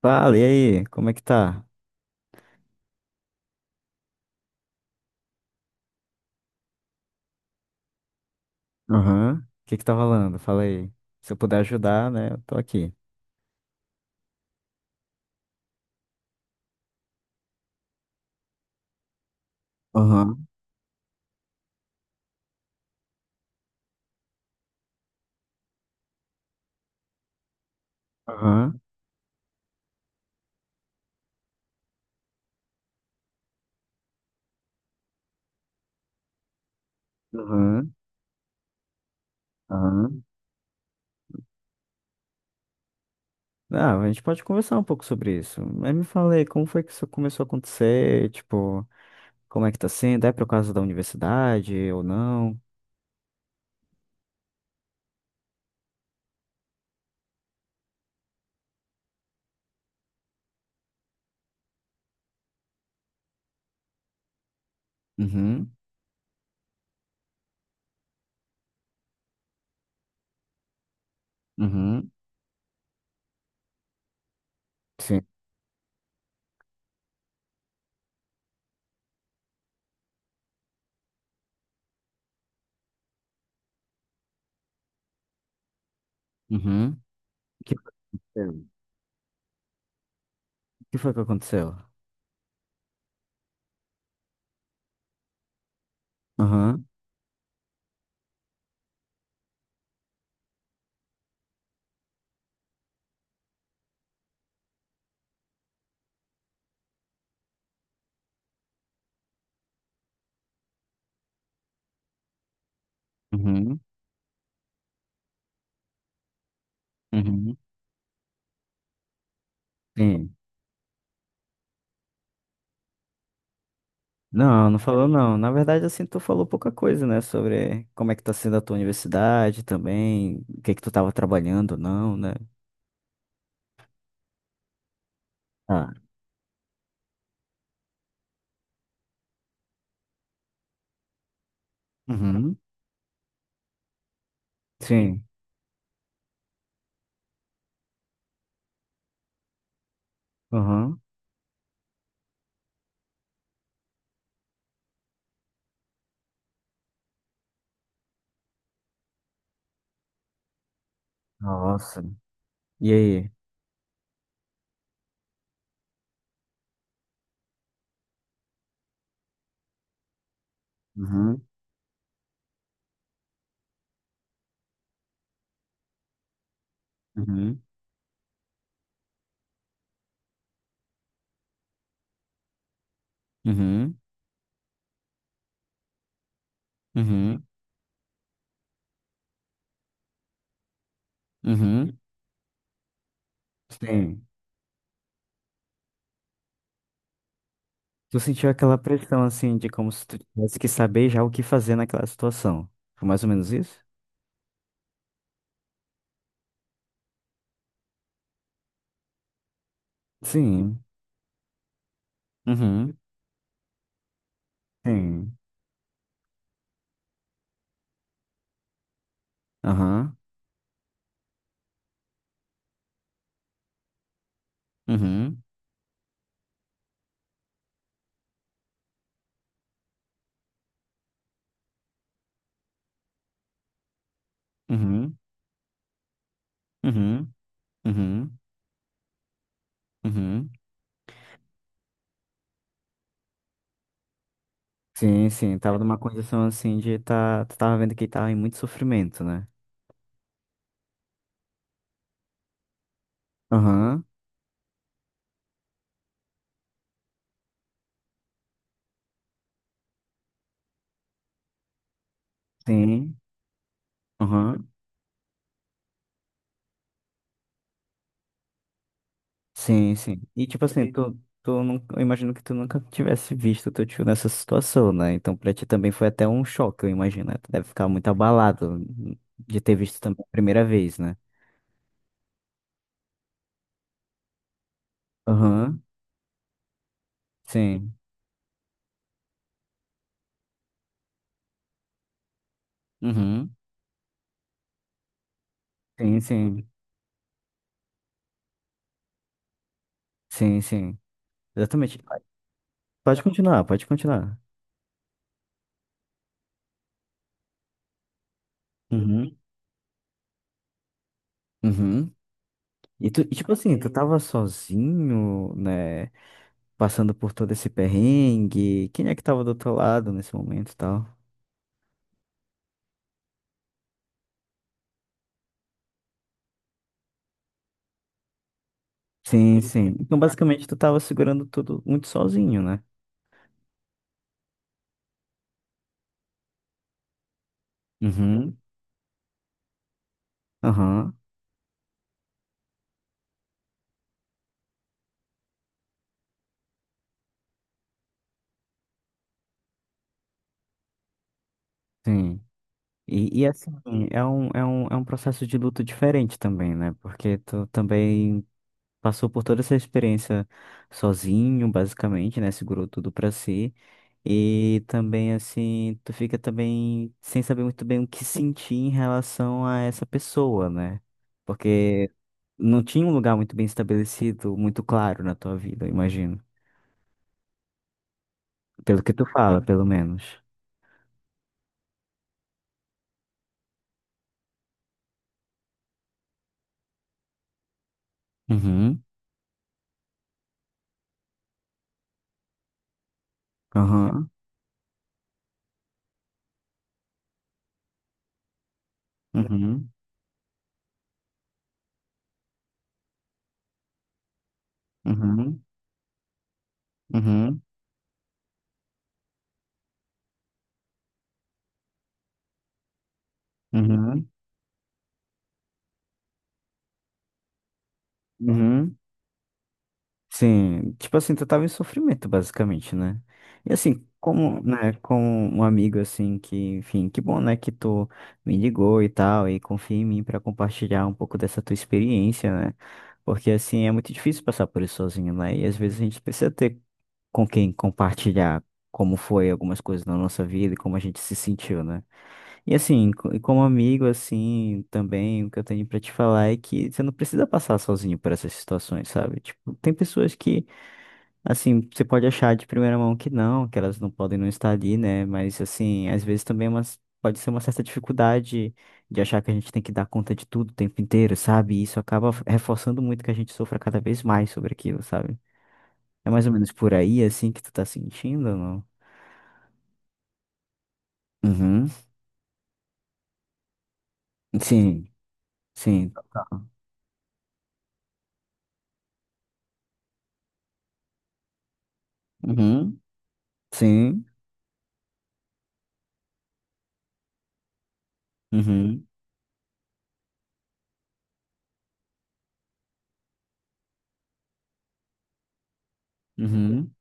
Fala, e aí? Como é que tá? Aham. O que que tá rolando? Fala aí. Se eu puder ajudar, né? Eu tô aqui. Aham, aham, aham, aham. Ah, a gente pode conversar um pouco sobre isso. Mas me fala aí, como foi que isso começou a acontecer? Tipo, como é que tá sendo? É por causa da universidade ou não? Uhum, uhum, sim, uhum. O que aconteceu? O que foi que aconteceu? Aham, uhum, uhum, sim. Não, não falou não. Na verdade, assim, tu falou pouca coisa, né? Sobre como é que tá sendo a tua universidade também, o que que tu tava trabalhando, ou não, né? Ah. Uhum. Sim. Uhum. Nossa. E aí? Uhum. Uhum. Uhum. Uhum. Uhum. Sim. Tu sentiu aquela pressão, assim, de como se tu tivesse que saber já o que fazer naquela situação. Foi mais ou menos isso? Sim. Uhum. Sim. Aham. Uhum. Uhum. Uhum. Uhum. Uhum. Sim, sim, tava numa condição assim de tá, tu tava vendo que ele tava em muito sofrimento, né? Aham, sim, aham, sim, sim. E tipo assim, tu não eu imagino que tu nunca tivesse visto teu tio nessa situação, né? Então pra ti também foi até um choque, eu imagino, né? Tu deve ficar muito abalado de ter visto também a primeira vez, né? Aham, sim, uhum, sim, sim, sim, sim, exatamente. Pode continuar, pode continuar. Uhum, uhum. E tipo assim, tu tava sozinho, né? Passando por todo esse perrengue. Quem é que tava do outro lado nesse momento e tal? Sim, sim. Então, basicamente, tu tava segurando tudo muito sozinho, né? Uhum. Aham, sim. E assim, é um processo de luto diferente também, né? Porque tu também passou por toda essa experiência sozinho, basicamente, né? Segurou tudo pra si. E também, assim, tu fica também sem saber muito bem o que sentir em relação a essa pessoa, né? Porque não tinha um lugar muito bem estabelecido, muito claro na tua vida, eu imagino. Pelo que tu fala, pelo menos. Uhum, aham, uhum, uhum, uhum, uhum, uhum. Sim, tipo assim, tu tava em sofrimento, basicamente, né? E assim, como, né, como um amigo, assim, que, enfim, que bom, né, que tu me ligou e tal, e confia em mim pra compartilhar um pouco dessa tua experiência, né? Porque, assim, é muito difícil passar por isso sozinho, né? E às vezes a gente precisa ter com quem compartilhar como foi algumas coisas na nossa vida e como a gente se sentiu, né? E assim, e como amigo, assim, também o que eu tenho pra te falar é que você não precisa passar sozinho por essas situações, sabe? Tipo, tem pessoas que, assim, você pode achar de primeira mão que não, que elas não podem não estar ali, né? Mas assim, às vezes também pode ser uma certa dificuldade de achar que a gente tem que dar conta de tudo o tempo inteiro, sabe? E isso acaba reforçando muito que a gente sofra cada vez mais sobre aquilo, sabe? É mais ou menos por aí, assim, que tu tá sentindo, ou não? Uhum. Sim, sim, total. Uhum. Sim. Uhum. Uhum.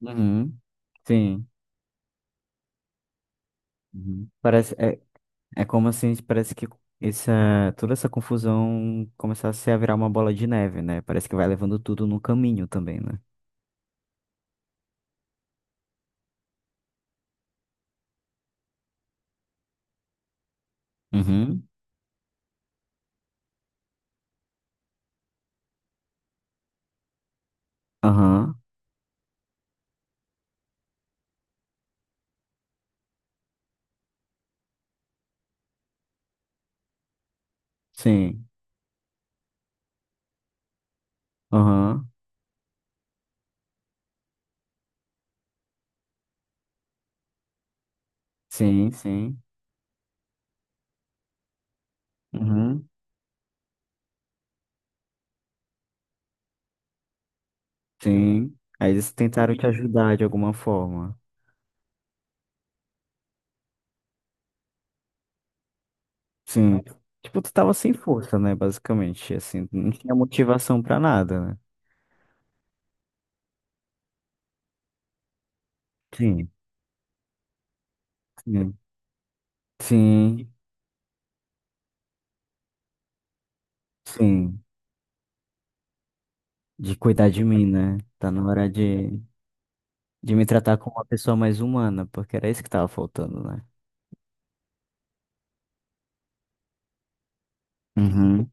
Uhum. Sim. Uhum. Parece, é, é como assim, parece que essa, toda essa confusão começasse a virar uma bola de neve, né? Parece que vai levando tudo no caminho também, né? Uhum. Aham. Sim. Aham. Sim, sim. Uhum. Sim. Aí eles tentaram te ajudar de alguma forma. Sim. Tipo, tu tava sem força, né? Basicamente, assim, não tinha motivação pra nada, né? Sim, sim, sim, sim. De cuidar de mim, né? Tá na hora de me tratar como uma pessoa mais humana, porque era isso que tava faltando, né? Uhum.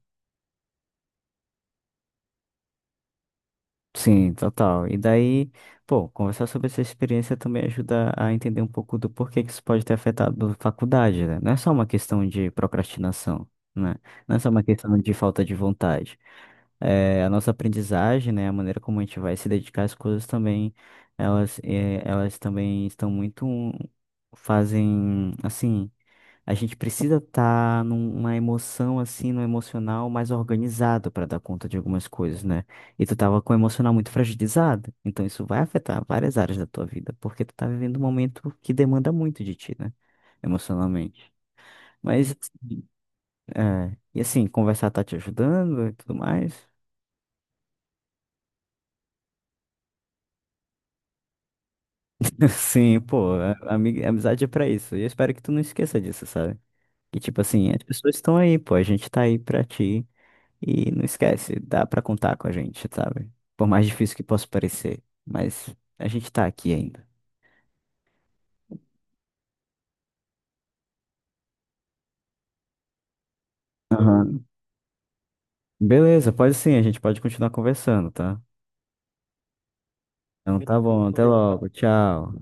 Sim, total. E daí, pô, conversar sobre essa experiência também ajuda a entender um pouco do porquê que isso pode ter afetado a faculdade, né? Não é só uma questão de procrastinação, né? Não é só uma questão de falta de vontade. A nossa aprendizagem, né, a maneira como a gente vai se dedicar às coisas também, elas, elas também estão muito, fazem, assim, a gente precisa estar numa emoção, assim, no emocional mais organizado para dar conta de algumas coisas, né? E tu tava com o emocional muito fragilizado, então isso vai afetar várias áreas da tua vida, porque tu tá vivendo um momento que demanda muito de ti, né, emocionalmente. Mas, assim, é, e assim, conversar tá te ajudando e tudo mais? Sim, pô, amizade é pra isso. E eu espero que tu não esqueça disso, sabe? Que tipo assim, as pessoas estão aí, pô, a gente tá aí pra ti. E não esquece, dá pra contar com a gente, sabe? Por mais difícil que possa parecer, mas a gente tá aqui ainda. Aham. Beleza, pode sim, a gente pode continuar conversando, tá? Então tá bom, até logo, tchau.